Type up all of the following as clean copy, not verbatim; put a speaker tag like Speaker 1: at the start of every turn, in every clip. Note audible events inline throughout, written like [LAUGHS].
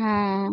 Speaker 1: হ্যাঁ,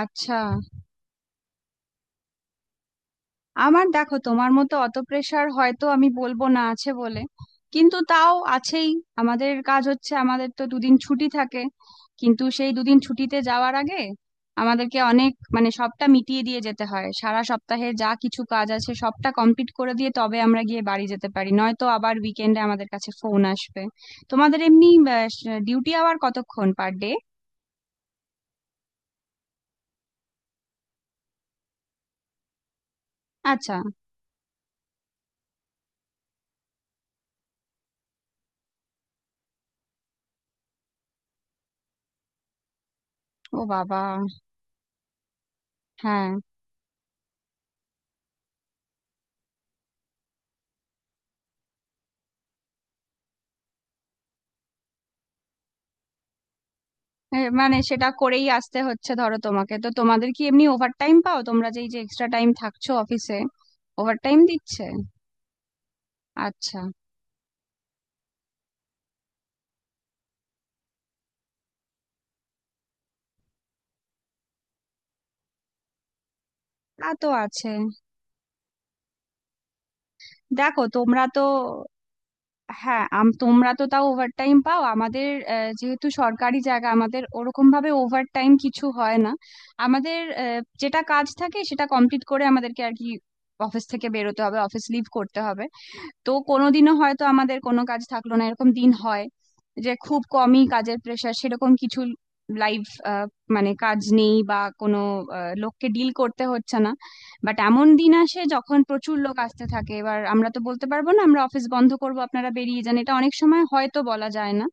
Speaker 1: আচ্ছা। আমার, দেখো, তোমার মতো অত প্রেশার হয়তো আমি বলবো না, আছে বলে। কিন্তু তাও আছেই। আমাদের কাজ হচ্ছে, আমাদের তো দুদিন ছুটি থাকে, কিন্তু সেই দুদিন ছুটিতে যাওয়ার আগে আমাদেরকে অনেক, মানে সবটা মিটিয়ে দিয়ে যেতে হয়, সারা সপ্তাহে যা কিছু কাজ আছে সবটা কমপ্লিট করে দিয়ে তবে আমরা গিয়ে বাড়ি যেতে পারি, নয়তো আবার উইকেন্ডে আমাদের কাছে ফোন আসবে। তোমাদের এমনি ডিউটি আওয়ার কতক্ষণ পার ডে? আচ্ছা। ও বাবা! হ্যাঁ। মানে সেটা করেই আসতে হচ্ছে, ধরো। তোমাকে, তো তোমাদের কি এমনি ওভারটাইম পাও তোমরা, যেই যে এক্সট্রা টাইম থাকছো অফিসে ওভারটাইম দিচ্ছে? আচ্ছা। তা তো আছে। দেখো তোমরা তো, হ্যাঁ, তোমরা তো তাও ওভারটাইম পাও। আমাদের, যেহেতু সরকারি জায়গা, আমাদের ওরকম ভাবে ওভারটাইম কিছু হয় না। আমাদের যেটা কাজ থাকে সেটা কমপ্লিট করে আমাদেরকে আর কি অফিস থেকে বেরোতে হবে, অফিস লিভ করতে হবে। তো কোনোদিনও হয়তো আমাদের কোনো কাজ থাকলো না, এরকম দিন হয়, যে খুব কমই কাজের প্রেশার, সেরকম কিছু লাইভ, মানে কাজ নেই, বা কোনো লোককে ডিল করতে হচ্ছে না। বাট এমন দিন আসে যখন প্রচুর লোক আসতে থাকে, এবার আমরা তো বলতে পারবো না আমরা অফিস বন্ধ করব, আপনারা বেরিয়ে যান, এটা অনেক সময় হয়তো বলা যায় না।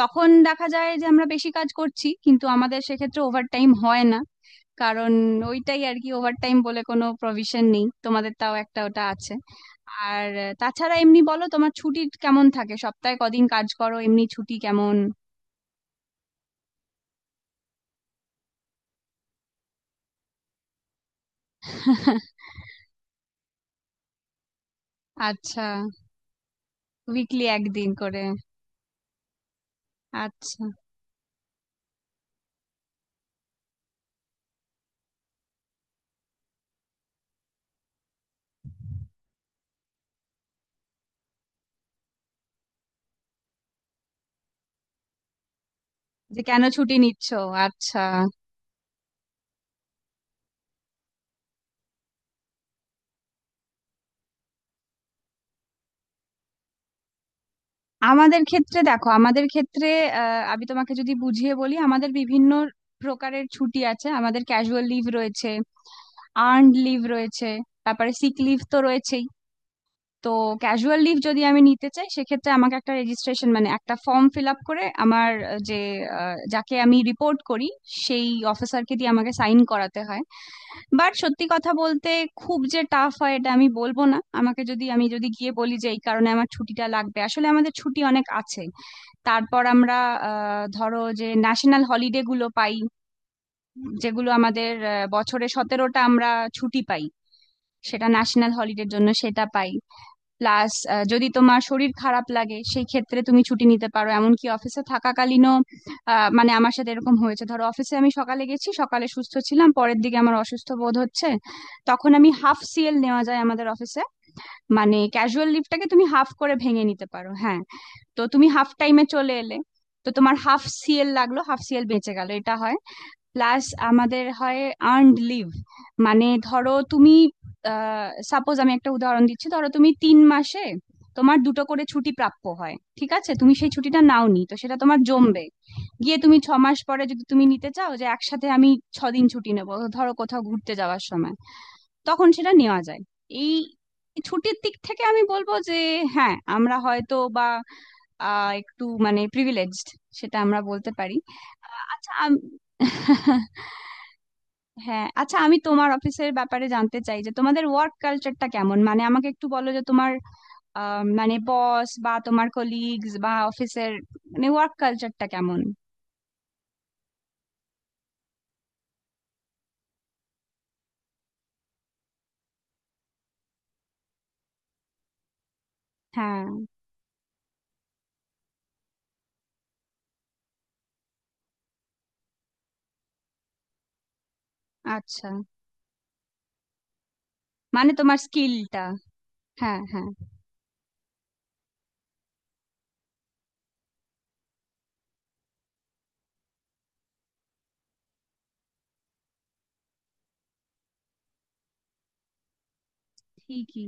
Speaker 1: তখন দেখা যায় যে আমরা বেশি কাজ করছি কিন্তু আমাদের সেক্ষেত্রে ওভারটাইম হয় না, কারণ ওইটাই আর কি, ওভারটাইম বলে কোনো প্রভিশন নেই, তোমাদের তাও একটা ওটা আছে। আর তাছাড়া এমনি বলো, তোমার ছুটি কেমন থাকে, সপ্তাহে কদিন কাজ করো, এমনি ছুটি কেমন? [LAUGHS] আচ্ছা, উইকলি একদিন করে। আচ্ছা। যে কেন ছুটি নিচ্ছ? আচ্ছা। আমাদের ক্ষেত্রে দেখো, আমাদের ক্ষেত্রে, আমি তোমাকে যদি বুঝিয়ে বলি, আমাদের বিভিন্ন প্রকারের ছুটি আছে। আমাদের ক্যাজুয়াল লিভ রয়েছে, আর্নড লিভ রয়েছে, তারপরে সিক লিভ তো রয়েছেই। তো ক্যাজুয়াল লিভ যদি আমি নিতে চাই, সেক্ষেত্রে আমাকে একটা রেজিস্ট্রেশন, মানে একটা ফর্ম ফিল আপ করে আমার যাকে আমি রিপোর্ট করি সেই অফিসারকে দিয়ে আমাকে সাইন করাতে হয়। বাট সত্যি কথা বলতে, খুব যে টাফ হয় এটা আমি বলবো না। আমাকে যদি, আমি যদি গিয়ে বলি যে এই কারণে আমার ছুটিটা লাগবে, আসলে আমাদের ছুটি অনেক আছে। তারপর আমরা ধরো, যে ন্যাশনাল হলিডে গুলো পাই, যেগুলো আমাদের, বছরে 17টা আমরা ছুটি পাই, সেটা ন্যাশনাল হলিডের জন্য সেটা পাই। প্লাস যদি তোমার শরীর খারাপ লাগে সেই ক্ষেত্রে তুমি ছুটি নিতে পারো, এমনকি অফিসে থাকাকালীনও। মানে আমার সাথে এরকম হয়েছে, ধরো অফিসে আমি সকালে গেছি, সকালে সুস্থ ছিলাম, পরের দিকে আমার অসুস্থ বোধ হচ্ছে, তখন আমি হাফ সিএল নেওয়া যায় আমাদের অফিসে, মানে ক্যাজুয়াল লিভটাকে তুমি হাফ করে ভেঙে নিতে পারো। হ্যাঁ, তো তুমি হাফ টাইমে চলে এলে, তো তোমার হাফ সিএল লাগলো, হাফ সিএল বেঁচে গেল, এটা হয়। প্লাস আমাদের হয় আর্নড লিভ। মানে ধরো তুমি, সাপোজ, আমি একটা উদাহরণ দিচ্ছি, ধরো তুমি তিন মাসে তোমার দুটো করে ছুটি প্রাপ্য হয়, ঠিক আছে? তুমি সেই ছুটিটা নাও নি, তো সেটা তোমার জমবে। গিয়ে তুমি ছ মাস পরে যদি তুমি নিতে চাও যে একসাথে আমি ছ দিন ছুটি নেবো, ধরো কোথাও ঘুরতে যাওয়ার সময়, তখন সেটা নেওয়া যায়। এই ছুটির দিক থেকে আমি বলবো যে হ্যাঁ, আমরা হয়তো বা একটু, মানে প্রিভিলেজড, সেটা আমরা বলতে পারি। আচ্ছা, [LAUGHS] হ্যাঁ, আচ্ছা, আমি তোমার অফিসের ব্যাপারে জানতে চাই, যে তোমাদের ওয়ার্ক কালচারটা কেমন, মানে আমাকে একটু বলো যে তোমার মানে বস বা তোমার কলিগস বা অফিসের, মানে ওয়ার্ক কালচারটা কেমন? হ্যাঁ। আচ্ছা। মানে তোমার স্কিলটা? হ্যাঁ, হ্যাঁ। ঠিকই।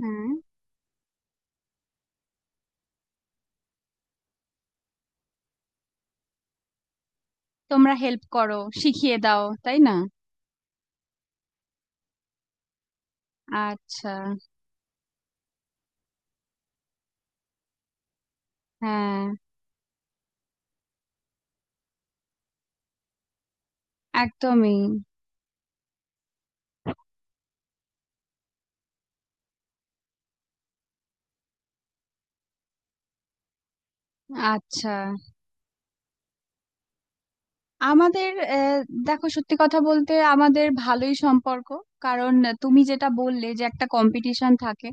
Speaker 1: হ্যাঁ। তোমরা হেল্প করো, শিখিয়ে দাও, তাই না? আচ্ছা। হ্যাঁ, একদমই। আচ্ছা, আমাদের, দেখো, সত্যি কথা বলতে, আমাদের ভালোই সম্পর্ক, কারণ তুমি যেটা বললে যে একটা কম্পিটিশন থাকে,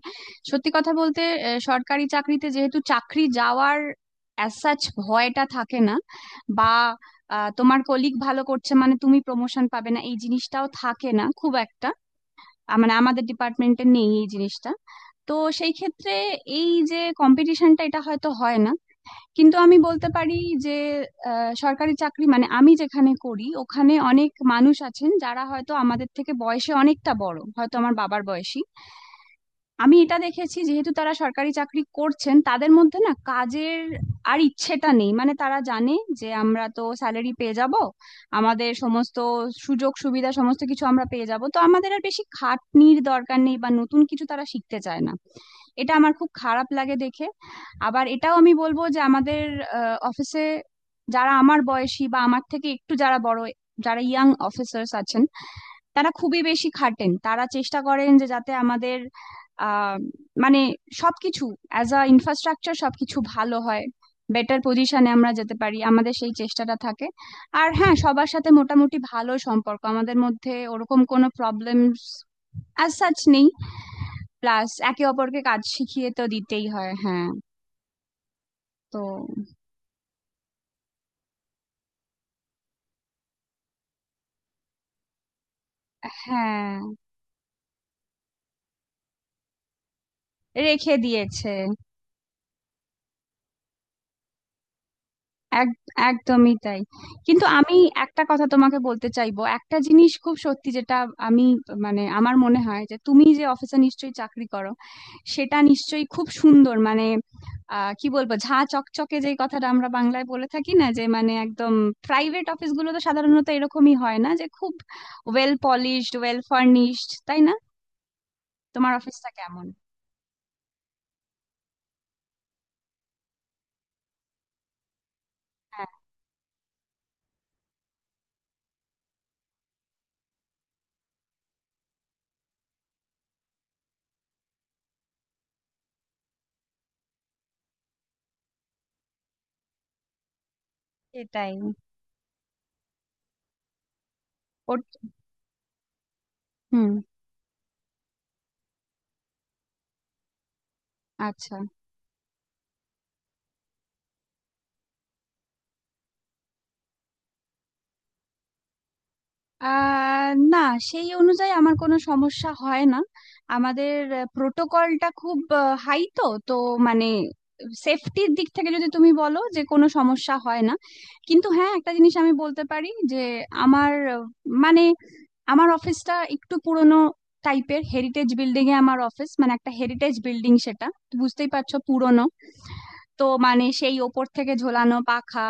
Speaker 1: সত্যি কথা বলতে সরকারি চাকরিতে যেহেতু চাকরি যাওয়ার অ্যাজ সাচ ভয়টা থাকে না, বা তোমার কলিগ ভালো করছে মানে তুমি প্রমোশন পাবে না, এই জিনিসটাও থাকে না খুব একটা। মানে আমাদের ডিপার্টমেন্টে নেই এই জিনিসটা। তো সেই ক্ষেত্রে এই যে কম্পিটিশনটা, এটা হয়তো হয় না, কিন্তু আমি বলতে পারি যে সরকারি চাকরি, মানে আমি যেখানে করি, ওখানে অনেক মানুষ আছেন যারা হয়তো আমাদের থেকে বয়সে অনেকটা বড়, হয়তো আমার বাবার বয়সী। আমি এটা দেখেছি যেহেতু তারা সরকারি চাকরি করছেন, তাদের মধ্যে না কাজের আর ইচ্ছেটা নেই, মানে তারা জানে যে আমরা তো স্যালারি পেয়ে যাব, আমাদের সমস্ত সুযোগ সুবিধা সমস্ত কিছু আমরা পেয়ে যাব, তো আমাদের আর বেশি খাটনির দরকার নেই, বা নতুন কিছু তারা শিখতে চায় না। এটা আমার খুব খারাপ লাগে দেখে। আবার এটাও আমি বলবো যে আমাদের অফিসে যারা আমার বয়সী বা আমার থেকে একটু যারা বড়, যারা ইয়াং অফিসার্স আছেন, তারা খুবই বেশি খাটেন, তারা চেষ্টা করেন যে যাতে আমাদের আহ মানে সবকিছু অ্যাজ আ ইনফ্রাস্ট্রাকচার সবকিছু ভালো হয়, বেটার পজিশনে আমরা যেতে পারি, আমাদের সেই চেষ্টাটা থাকে। আর হ্যাঁ, সবার সাথে মোটামুটি ভালো সম্পর্ক, আমাদের মধ্যে ওরকম কোনো প্রবলেমস অ্যাজ সাচ নেই। প্লাস একে অপরকে কাজ শিখিয়ে তো দিতেই হয়। হ্যাঁ। তো হ্যাঁ। রেখে দিয়েছে। এক, একদমই তাই। কিন্তু আমি একটা কথা তোমাকে বলতে চাইবো, একটা জিনিস খুব সত্যি, যেটা আমি, মানে আমার মনে হয় যে তুমি যে অফিসে নিশ্চয়ই চাকরি করো, সেটা নিশ্চয়ই খুব সুন্দর, মানে কি বলবো, ঝাঁ চকচকে যেই কথাটা আমরা বাংলায় বলে থাকি না, যে মানে একদম প্রাইভেট অফিসগুলো তো সাধারণত এরকমই হয় না, যে খুব ওয়েল পলিশড, ওয়েল ফার্নিশড, তাই না? তোমার অফিসটা কেমন? হ্যাঁ, সেটাই। ওর। হুম। আচ্ছা। না, সেই অনুযায়ী আমার কোনো সমস্যা হয় না। আমাদের প্রোটোকলটা খুব হাই, তো তো মানে সেফটির দিক থেকে যদি তুমি বলো, যে কোনো সমস্যা হয় না। কিন্তু হ্যাঁ, একটা জিনিস আমি বলতে পারি যে আমার মানে আমার অফিসটা একটু পুরনো টাইপের, হেরিটেজ বিল্ডিং এ আমার অফিস, মানে একটা হেরিটেজ বিল্ডিং, সেটা তো বুঝতেই পারছো, পুরনো। তো মানে সেই ওপর থেকে ঝোলানো পাখা,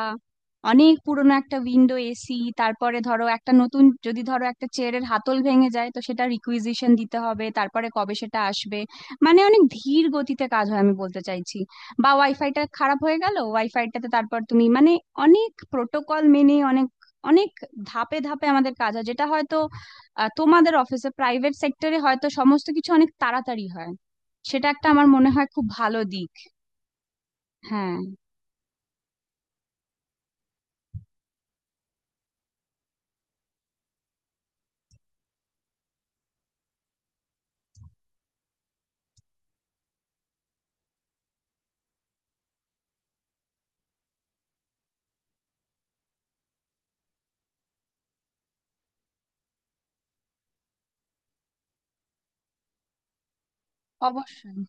Speaker 1: অনেক পুরনো একটা উইন্ডো এসি, তারপরে ধরো একটা নতুন, যদি ধরো একটা চেয়ারের হাতল ভেঙে যায় তো সেটা রিকুইজিশন দিতে হবে, তারপরে কবে সেটা আসবে, মানে অনেক ধীর গতিতে কাজ হয় আমি বলতে চাইছি। বা ওয়াইফাইটা খারাপ হয়ে গেল, ওয়াইফাইটাতে তারপর তুমি, মানে অনেক প্রোটোকল মেনে, অনেক অনেক ধাপে ধাপে আমাদের কাজ হয়, যেটা হয়তো, তোমাদের অফিসে, প্রাইভেট সেক্টরে হয়তো সমস্ত কিছু অনেক তাড়াতাড়ি হয়। সেটা একটা আমার মনে হয় খুব ভালো দিক। হ্যাঁ, অবশ্যই।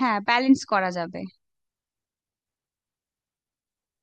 Speaker 1: হ্যাঁ, ব্যালেন্স করা যাবে।